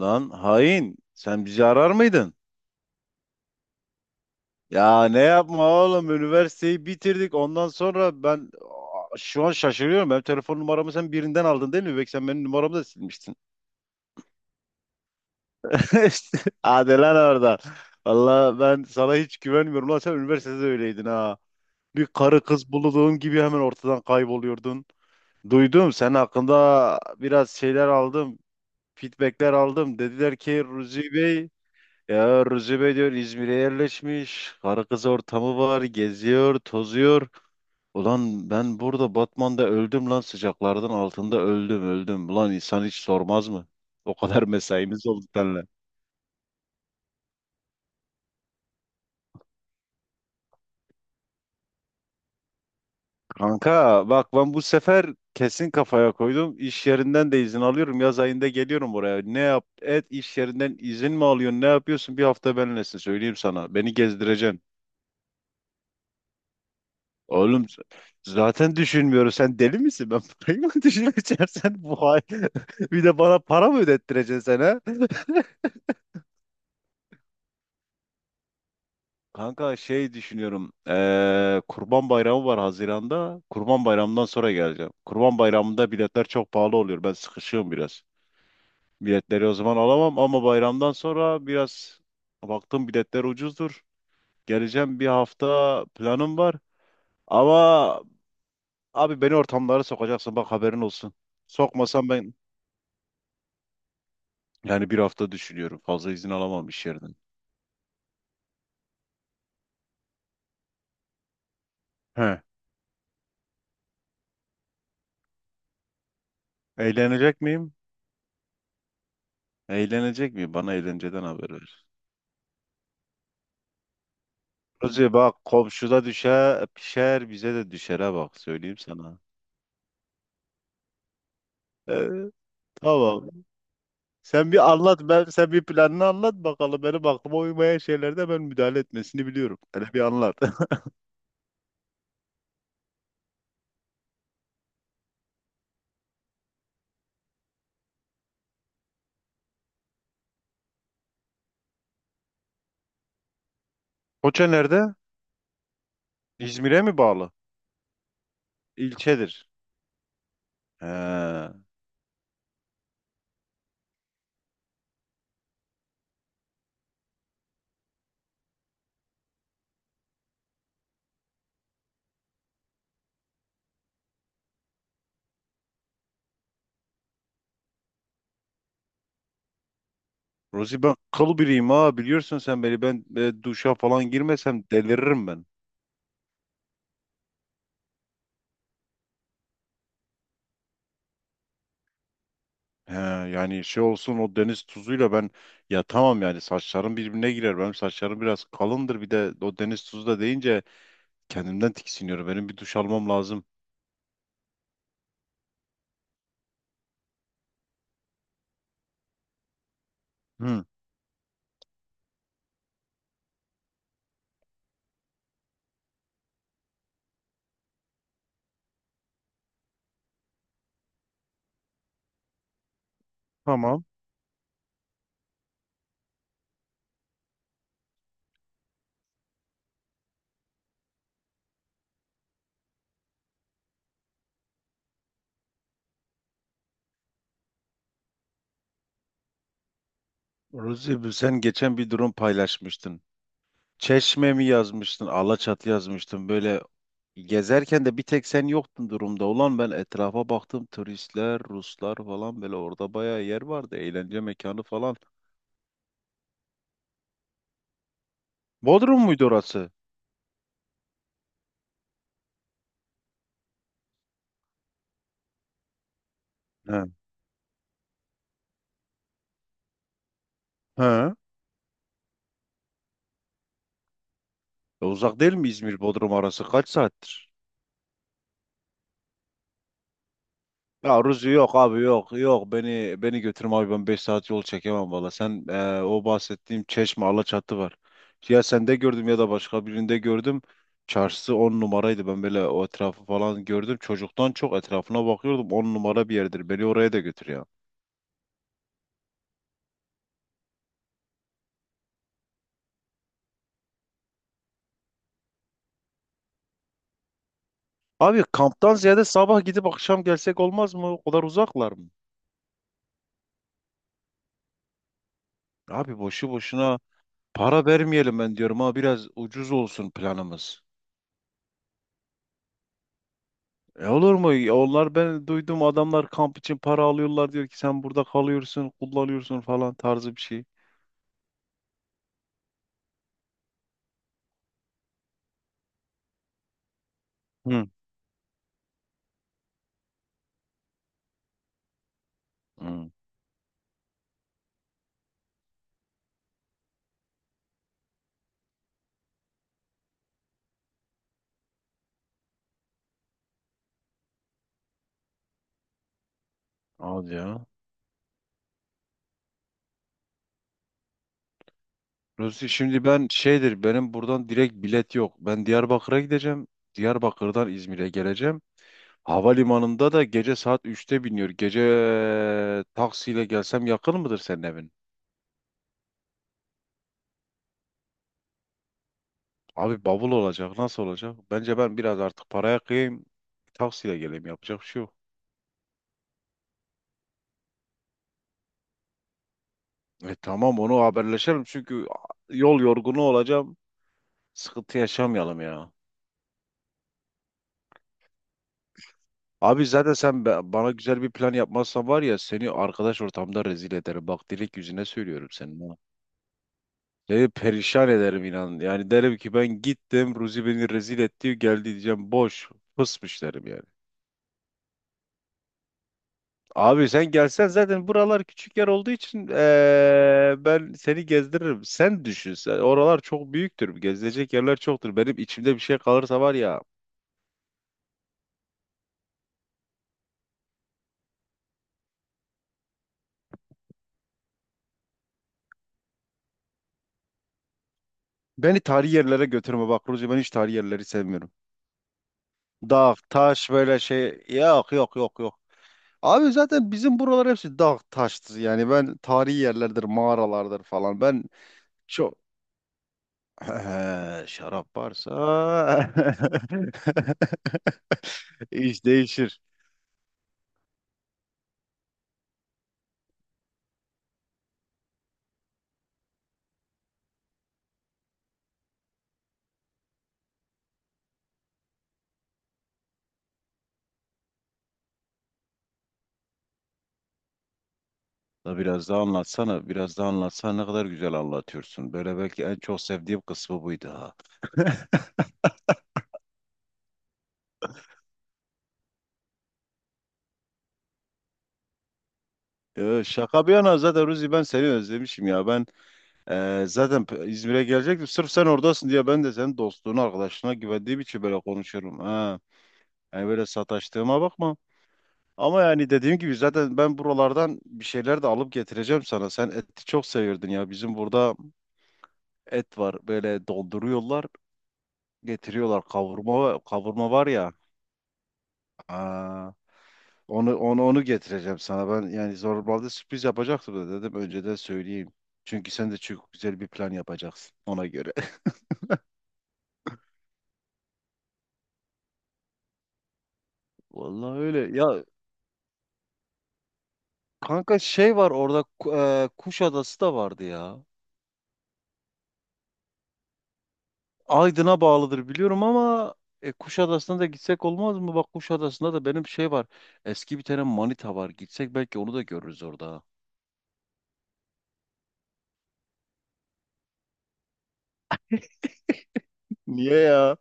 Lan hain sen bizi arar mıydın? Ya ne yapma oğlum üniversiteyi bitirdik ondan sonra ben aa, şu an şaşırıyorum. Benim telefon numaramı sen birinden aldın değil mi? Belki sen benim numaramı da silmiştin. Hadi lan orada. Valla ben sana hiç güvenmiyorum lan sen üniversitede öyleydin ha. Bir karı kız bulduğun gibi hemen ortadan kayboluyordun. Duydum sen hakkında biraz şeyler aldım. Feedbackler aldım. Dediler ki Ruzi Bey. Ya Recep ediyor İzmir'e yerleşmiş. Karı kız ortamı var. Geziyor, tozuyor. Ulan ben burada Batman'da öldüm lan sıcaklardan altında öldüm öldüm. Ulan insan hiç sormaz mı? O kadar mesaimiz oldu seninle. Kanka bak ben bu sefer kesin kafaya koydum. İş yerinden de izin alıyorum. Yaz ayında geliyorum buraya. Ne yap et iş yerinden izin mi alıyorsun? Ne yapıyorsun? Bir hafta benimlesin söyleyeyim sana. Beni gezdireceksin. Oğlum zaten düşünmüyorum. Sen deli misin? Ben parayı mı düşüneceğim? Bir de bana para mı ödettireceksin sen ha? Kanka şey düşünüyorum. Kurban Bayramı var Haziran'da. Kurban Bayramı'ndan sonra geleceğim. Kurban Bayramı'nda biletler çok pahalı oluyor. Ben sıkışığım biraz. Biletleri o zaman alamam ama bayramdan sonra biraz baktım biletler ucuzdur. Geleceğim bir hafta planım var. Ama abi beni ortamlara sokacaksın bak haberin olsun. Sokmasan ben. Yani bir hafta düşünüyorum. Fazla izin alamam iş yerinden. He. Eğlenecek miyim? Eğlenecek miyim? Bana eğlenceden haber ver. Kuzi bak komşuda düşer, pişer bize de düşere bak söyleyeyim sana. Ee, tamam. Sen bir anlat ben sen bir planını anlat bakalım. Benim aklıma uymayan şeylerde ben müdahale etmesini biliyorum. Hele bir anlat. Foça nerede? İzmir'e mi bağlı? İlçedir. He. Rozi ben kıl biriyim ha biliyorsun sen beni ben duşa falan girmesem deliririm ben. He, yani şey olsun o deniz tuzuyla ben ya tamam yani saçlarım birbirine girer. Benim saçlarım biraz kalındır bir de o deniz tuzu da deyince kendimden tiksiniyorum. Benim bir duş almam lazım. Hı, tamam. Ruzi sen geçen bir durum paylaşmıştın. Çeşme mi yazmıştın? Alaçatı yazmıştın. Böyle gezerken de bir tek sen yoktun durumda. Ulan ben etrafa baktım turistler, Ruslar falan böyle orada bayağı yer vardı. Eğlence mekanı falan. Bodrum muydu orası? He. He. E, uzak değil mi İzmir Bodrum arası? Kaç saattir? Ya Ruzi yok abi yok yok beni götürme abi ben 5 saat yol çekemem valla. Sen o bahsettiğim Çeşme Alaçatı var. Ya sende gördüm ya da başka birinde gördüm. Çarşısı 10 numaraydı ben böyle o etrafı falan gördüm. Çocuktan çok etrafına bakıyordum 10 numara bir yerdir beni oraya da götür ya. Abi kamptan ziyade sabah gidip akşam gelsek olmaz mı? O kadar uzaklar mı? Abi boşu boşuna para vermeyelim ben diyorum ha biraz ucuz olsun planımız. E olur mu? Ya onlar ben duydum adamlar kamp için para alıyorlar diyor ki sen burada kalıyorsun, kullanıyorsun falan tarzı bir şey. Hı. Hı. Hadi ya. Ruzi şimdi ben şeydir benim buradan direkt bilet yok. Ben Diyarbakır'a gideceğim. Diyarbakır'dan İzmir'e geleceğim. Havalimanında da gece saat 3'te biniyor. Gece taksiyle gelsem yakın mıdır senin evin? Abi bavul olacak. Nasıl olacak? Bence ben biraz artık paraya kıyayım. Taksiyle geleyim. Yapacak bir şey yok. E tamam onu haberleşelim çünkü yol yorgunu olacağım. Sıkıntı yaşamayalım ya. Abi zaten sen bana güzel bir plan yapmazsan var ya seni arkadaş ortamda rezil ederim. Bak direkt yüzüne söylüyorum senin ha. Seni perişan ederim inan. Yani derim ki ben gittim Ruzi beni rezil etti geldi diyeceğim boş fısmış derim yani. Abi sen gelsen zaten buralar küçük yer olduğu için ben seni gezdiririm. Sen düşün sen. Oralar çok büyüktür. Gezilecek yerler çoktur. Benim içimde bir şey kalırsa var ya. Beni tarihi yerlere götürme bak Ruzi ben hiç tarihi yerleri sevmiyorum. Dağ, taş böyle şey yok yok yok yok. Abi zaten bizim buralar hepsi dağ taştır yani ben tarihi yerlerdir mağaralardır falan ben çok şarap varsa iş değişir. Da biraz daha anlatsana biraz daha anlatsana ne kadar güzel anlatıyorsun. Böyle belki en çok sevdiğim kısmı buydu. Yo, şaka bir yana zaten Ruzi ben seni özlemişim ya. Ben zaten İzmir'e gelecektim. Sırf sen oradasın diye ben de senin dostluğuna, arkadaşlığına güvendiğim için böyle konuşuyorum. Ha. Yani böyle sataştığıma bakma. Ama yani dediğim gibi zaten ben buralardan bir şeyler de alıp getireceğim sana. Sen eti çok seviyordun ya. Bizim burada et var. Böyle donduruyorlar, getiriyorlar. Kavurma kavurma var ya. Aa. Onu getireceğim sana. Ben yani zorbalda sürpriz yapacaktım da dedim önceden söyleyeyim. Çünkü sen de çok güzel bir plan yapacaksın ona göre. Vallahi öyle. Ya kanka şey var orada Kuşadası da vardı ya. Aydın'a bağlıdır biliyorum ama Kuşadası'na da gitsek olmaz mı? Bak Kuşadası'nda da benim şey var. Eski bir tane manita var. Gitsek belki onu da görürüz orada. Niye ya?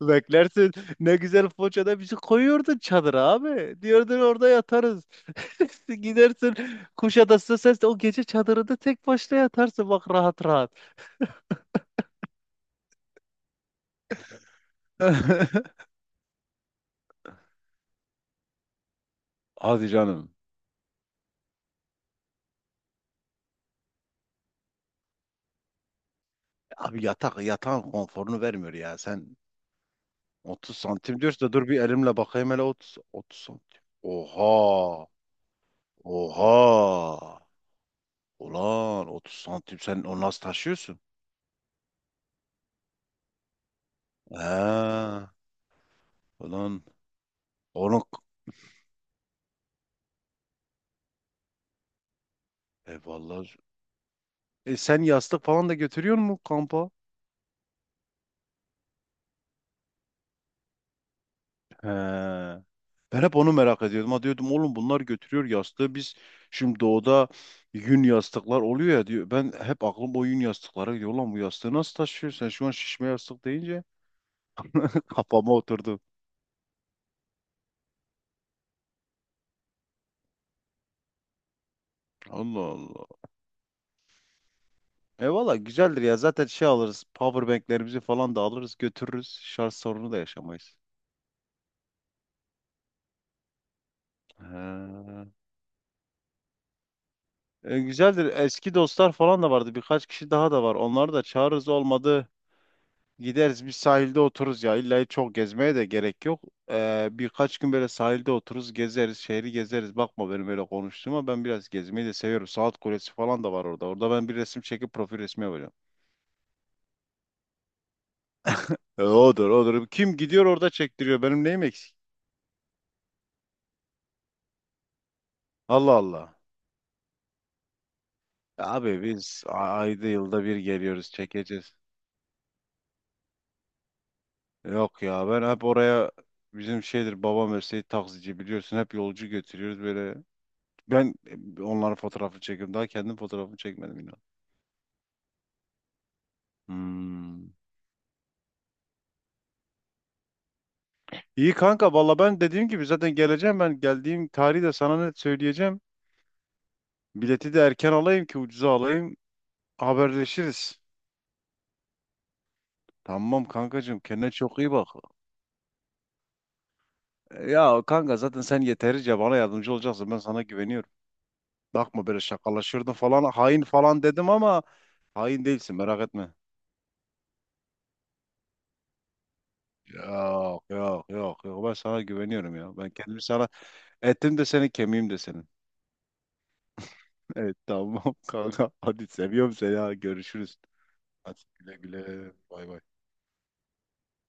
Beklersin. Ne güzel Foça'da bizi koyuyordun çadıra abi. Diyordun orada yatarız. Gidersin Kuşadası'na sen de o gece çadırında tek başına yatarsın bak rahat rahat. Hadi canım. Abi yatağın konforunu vermiyor ya. Sen 30 santim diyorsun da dur bir elimle bakayım hele 30 30 santim. Oha! Oha! Ulan 30 santim sen onu nasıl taşıyorsun? Ha, ulan onu vallahi sen yastık falan da götürüyor musun kampa? He. Ben hep onu merak ediyordum. Ha diyordum oğlum bunlar götürüyor yastığı. Biz şimdi doğuda yün yastıklar oluyor ya diyor. Ben hep aklım o yün yastıklara gidiyor. Ulan bu yastığı nasıl taşıyor? Sen şu an şişme yastık deyince kafama oturdu. Allah Allah. E valla güzeldir ya. Zaten şey alırız. Powerbanklerimizi falan da alırız götürürüz. Şarj sorunu da yaşamayız. He. E, güzeldir. Eski dostlar falan da vardı. Birkaç kişi daha da var. Onları da çağırırız olmadı. Gideriz bir sahilde otururuz ya. İlla çok gezmeye de gerek yok. Birkaç gün böyle sahilde otururuz, gezeriz, şehri gezeriz. Bakma benim öyle konuştuğuma ben biraz gezmeyi de seviyorum. Saat Kulesi falan da var orada. Orada ben bir resim çekip profil resmi yapacağım. E, odur odur. Kim gidiyor orada çektiriyor. Benim neyim eksik? Allah Allah. Abi biz ayda yılda bir geliyoruz çekeceğiz. Yok ya ben hep oraya bizim şeydir babam mesleği taksici biliyorsun hep yolcu götürüyoruz böyle. Ben onların fotoğrafını çekiyorum. Daha kendim fotoğrafımı çekmedim yine. Hmm. İyi kanka valla ben dediğim gibi zaten geleceğim ben geldiğim tarihi de sana net söyleyeceğim. Bileti de erken alayım ki ucuza alayım haberleşiriz. Tamam kankacığım kendine çok iyi bak. Ya kanka zaten sen yeterince bana yardımcı olacaksın ben sana güveniyorum. Bakma böyle şakalaşırdın falan hain falan dedim ama hain değilsin merak etme. Yok yok yok yok ben sana güveniyorum ya. Ben kendimi sana ettim de senin kemiğim de senin. Evet tamam kanka hadi seviyorum seni ha görüşürüz. Hadi güle güle. Bay bay.